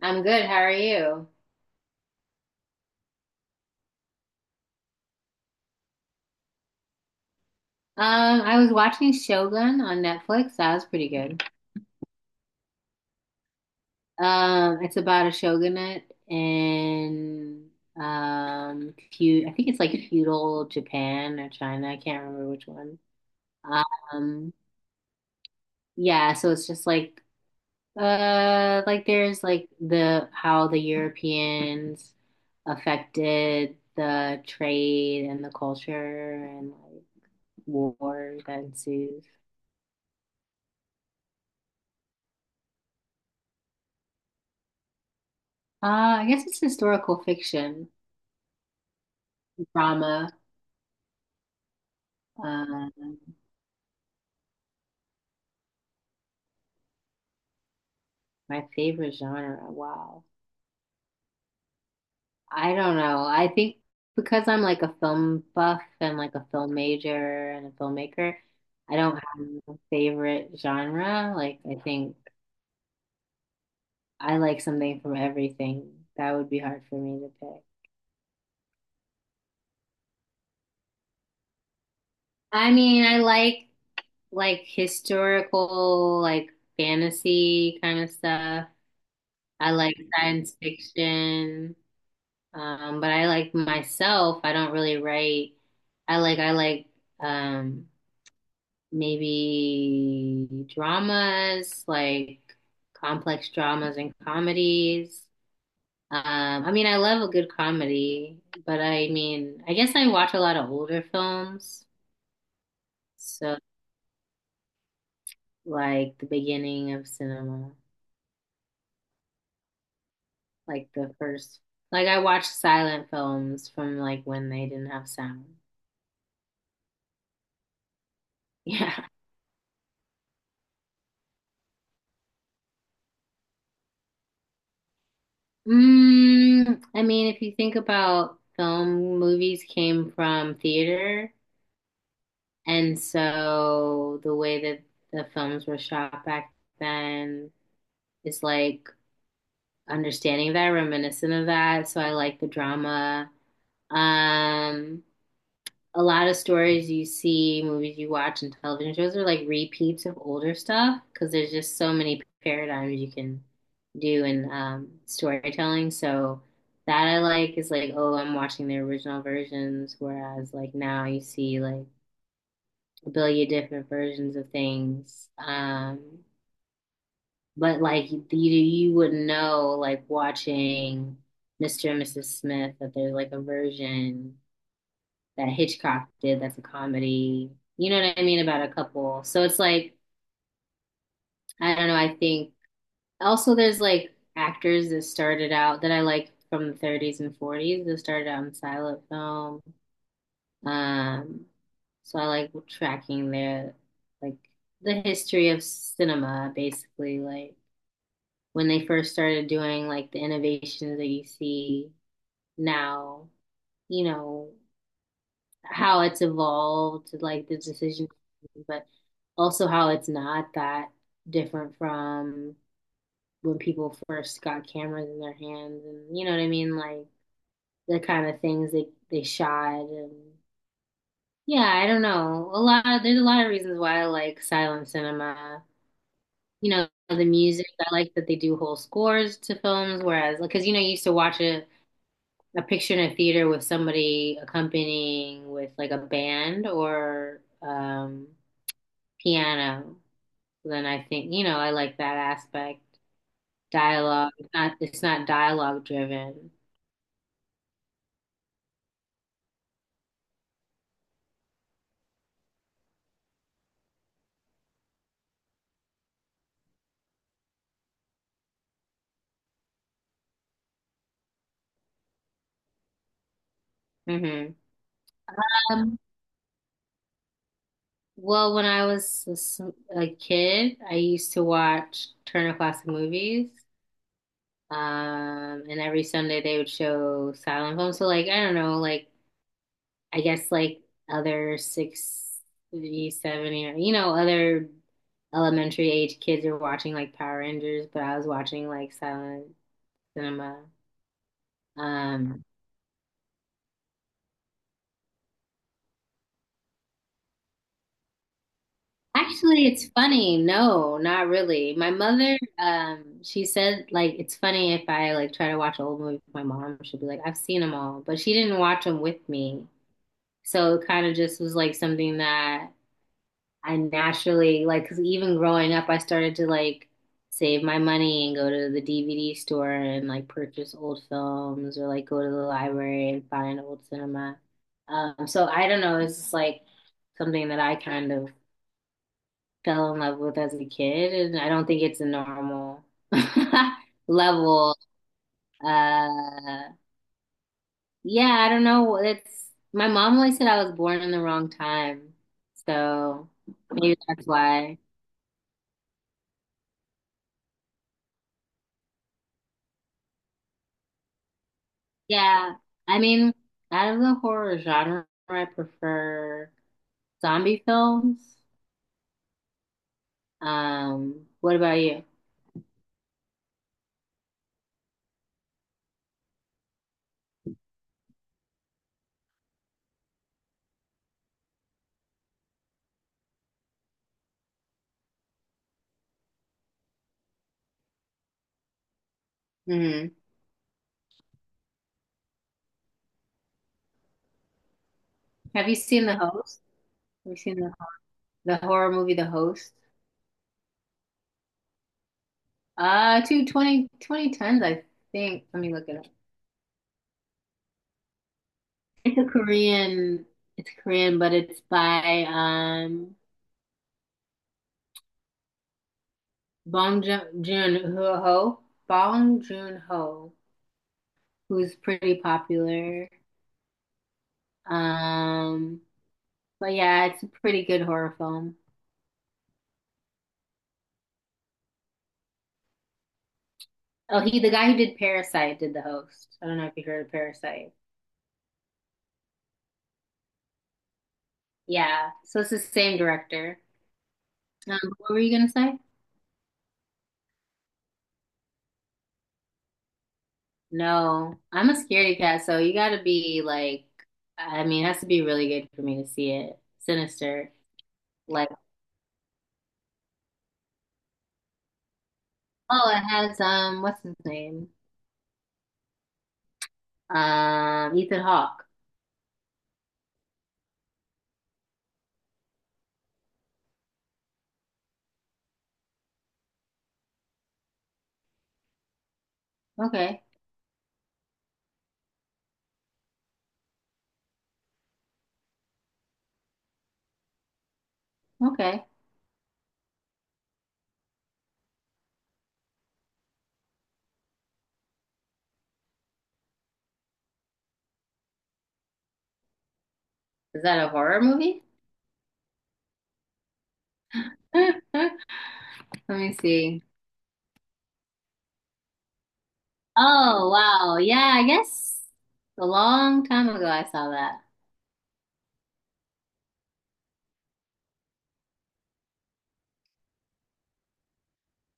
I'm good. How are you? I was watching Shogun on Netflix. That was pretty good. It's about a shogunate in feud. I think it's like feudal Japan or China. I can't remember which one. Um, yeah. So it's just like there's like the how the Europeans affected the trade and the culture and like war that ensues. Uh, I guess it's historical fiction, drama. Um, my favorite genre. Wow. I don't know. I think because I'm like a film buff and like a film major and a filmmaker, I don't have a favorite genre. Like, I think I like something from everything. That would be hard for me to pick. I mean, I like historical, like fantasy kind of stuff. I like science fiction. But I like myself, I don't really write. I like um maybe dramas, like complex dramas and comedies. I mean, I love a good comedy, but I mean, I guess I watch a lot of older films. So like the beginning of cinema, like the first, like I watched silent films from like when they didn't have sound. Yeah. Mm, I mean, if you think about film, movies came from theater, and so the way that the films were shot back then is like understanding that, reminiscent of that. So I like the drama. Um, a lot of stories you see, movies you watch, and television shows are like repeats of older stuff because there's just so many paradigms you can do in storytelling. So that I like is like, oh, I'm watching the original versions, whereas like now you see like a billion different versions of things. But like you, wouldn't know like watching Mr. and Mrs. Smith that there's like a version that Hitchcock did that's a comedy. You know what I mean about a couple. So it's like I don't know, I think also there's like actors that started out that I like from the 30s and 40s that started out in silent film. Um so I like tracking their like the history of cinema basically like when they first started doing like the innovations that you see now, you know, how it's evolved, like the decision, but also how it's not that different from when people first got cameras in their hands and you know what I mean? Like the kind of things they shot and yeah, I don't know. A lot of, there's a lot of reasons why I like silent cinema. You know, the music, I like that they do whole scores to films, whereas because you know, you used to watch a picture in a theater with somebody accompanying with like a band or piano, then I think, you know, I like that aspect. Dialogue, it's not dialogue driven. Hmm. Um, well, when I was a kid, I used to watch Turner Classic Movies. And every Sunday they would show silent films. So like, I don't know, like I guess like other 60, 70, or, you know, other elementary age kids are watching like Power Rangers, but I was watching like silent cinema. Um, Actually, it's funny. No, not really. My mother, she said like it's funny if I like try to watch old movies with my mom, she'll be like, I've seen them all, but she didn't watch them with me. So it kind of just was like something that I naturally like, 'cause even growing up, I started to like save my money and go to the DVD store and like purchase old films or like go to the library and find old cinema. So I don't know, it's just like something that I kind of fell in love with as a kid, and I don't think it's a normal level. Uh, yeah, I don't know. It's my mom always said I was born in the wrong time, so maybe that's why. Yeah, I mean, out of the horror genre, I prefer zombie films. What about you? Hmm. Have you seen The Host? Have you seen the horror movie The Host? Two twenty twenty tens, I think. Let me look it up. It's a Korean, it's Korean, but it's by Bong Joon Joon Ho, Bong Joon Ho, who's pretty popular. Um, but yeah, it's a pretty good horror film. Oh, he, the guy who did Parasite, did the host. I don't know if you heard of Parasite. Yeah, so it's the same director. What were you gonna say? No, I'm a scaredy cat, so you gotta be like, I mean, it has to be really good for me to see it. Sinister. Like, oh, it has what's his name? Ethan Hawke. Okay, okay. Is that a horror movie? Let me see. Oh, wow. Yeah, I guess a long time ago I saw that.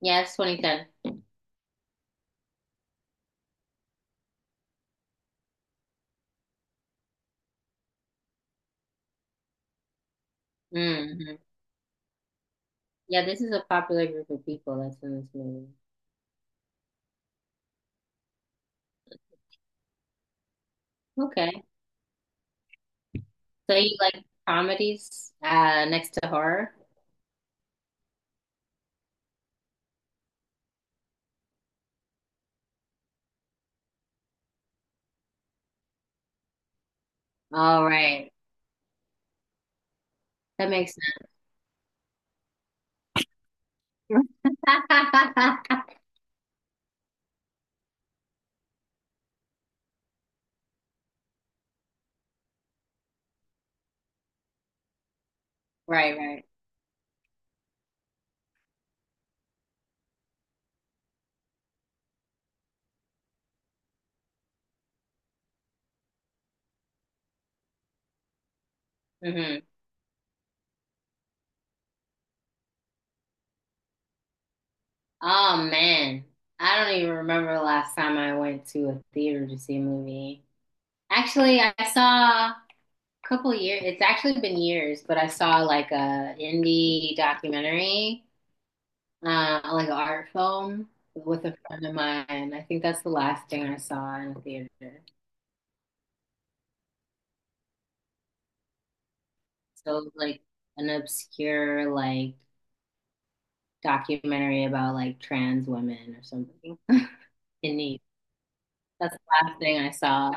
Yeah, it's 2010. Hmm. Yeah, this is a popular group of people that's in this movie. Okay. So you like comedies, next to horror? All right. That makes sense. Right, right. Hmm. Oh man, I don't even remember the last time I went to a theater to see a movie. Actually, I saw a couple years. It's actually been years, but I saw like a indie documentary, like an art film with a friend of mine. I think that's the last thing I saw in a theater. So it was like an obscure like documentary about like trans women or something in need. That's the last thing I saw.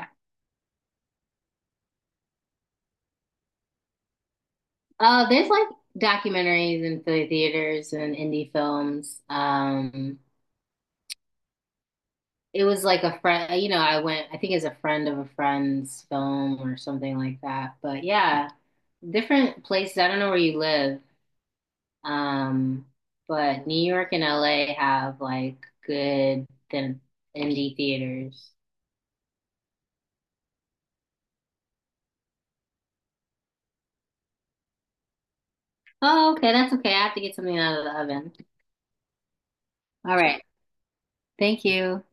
There's like documentaries and the theaters and indie films. It was like a friend, you know, I went, I think it's a friend of a friend's film or something like that. But yeah, different places. I don't know where you live. Um, but New York and LA have like good thin indie theaters. Oh, okay, that's okay. I have to get something out of the oven. All right. Thank you.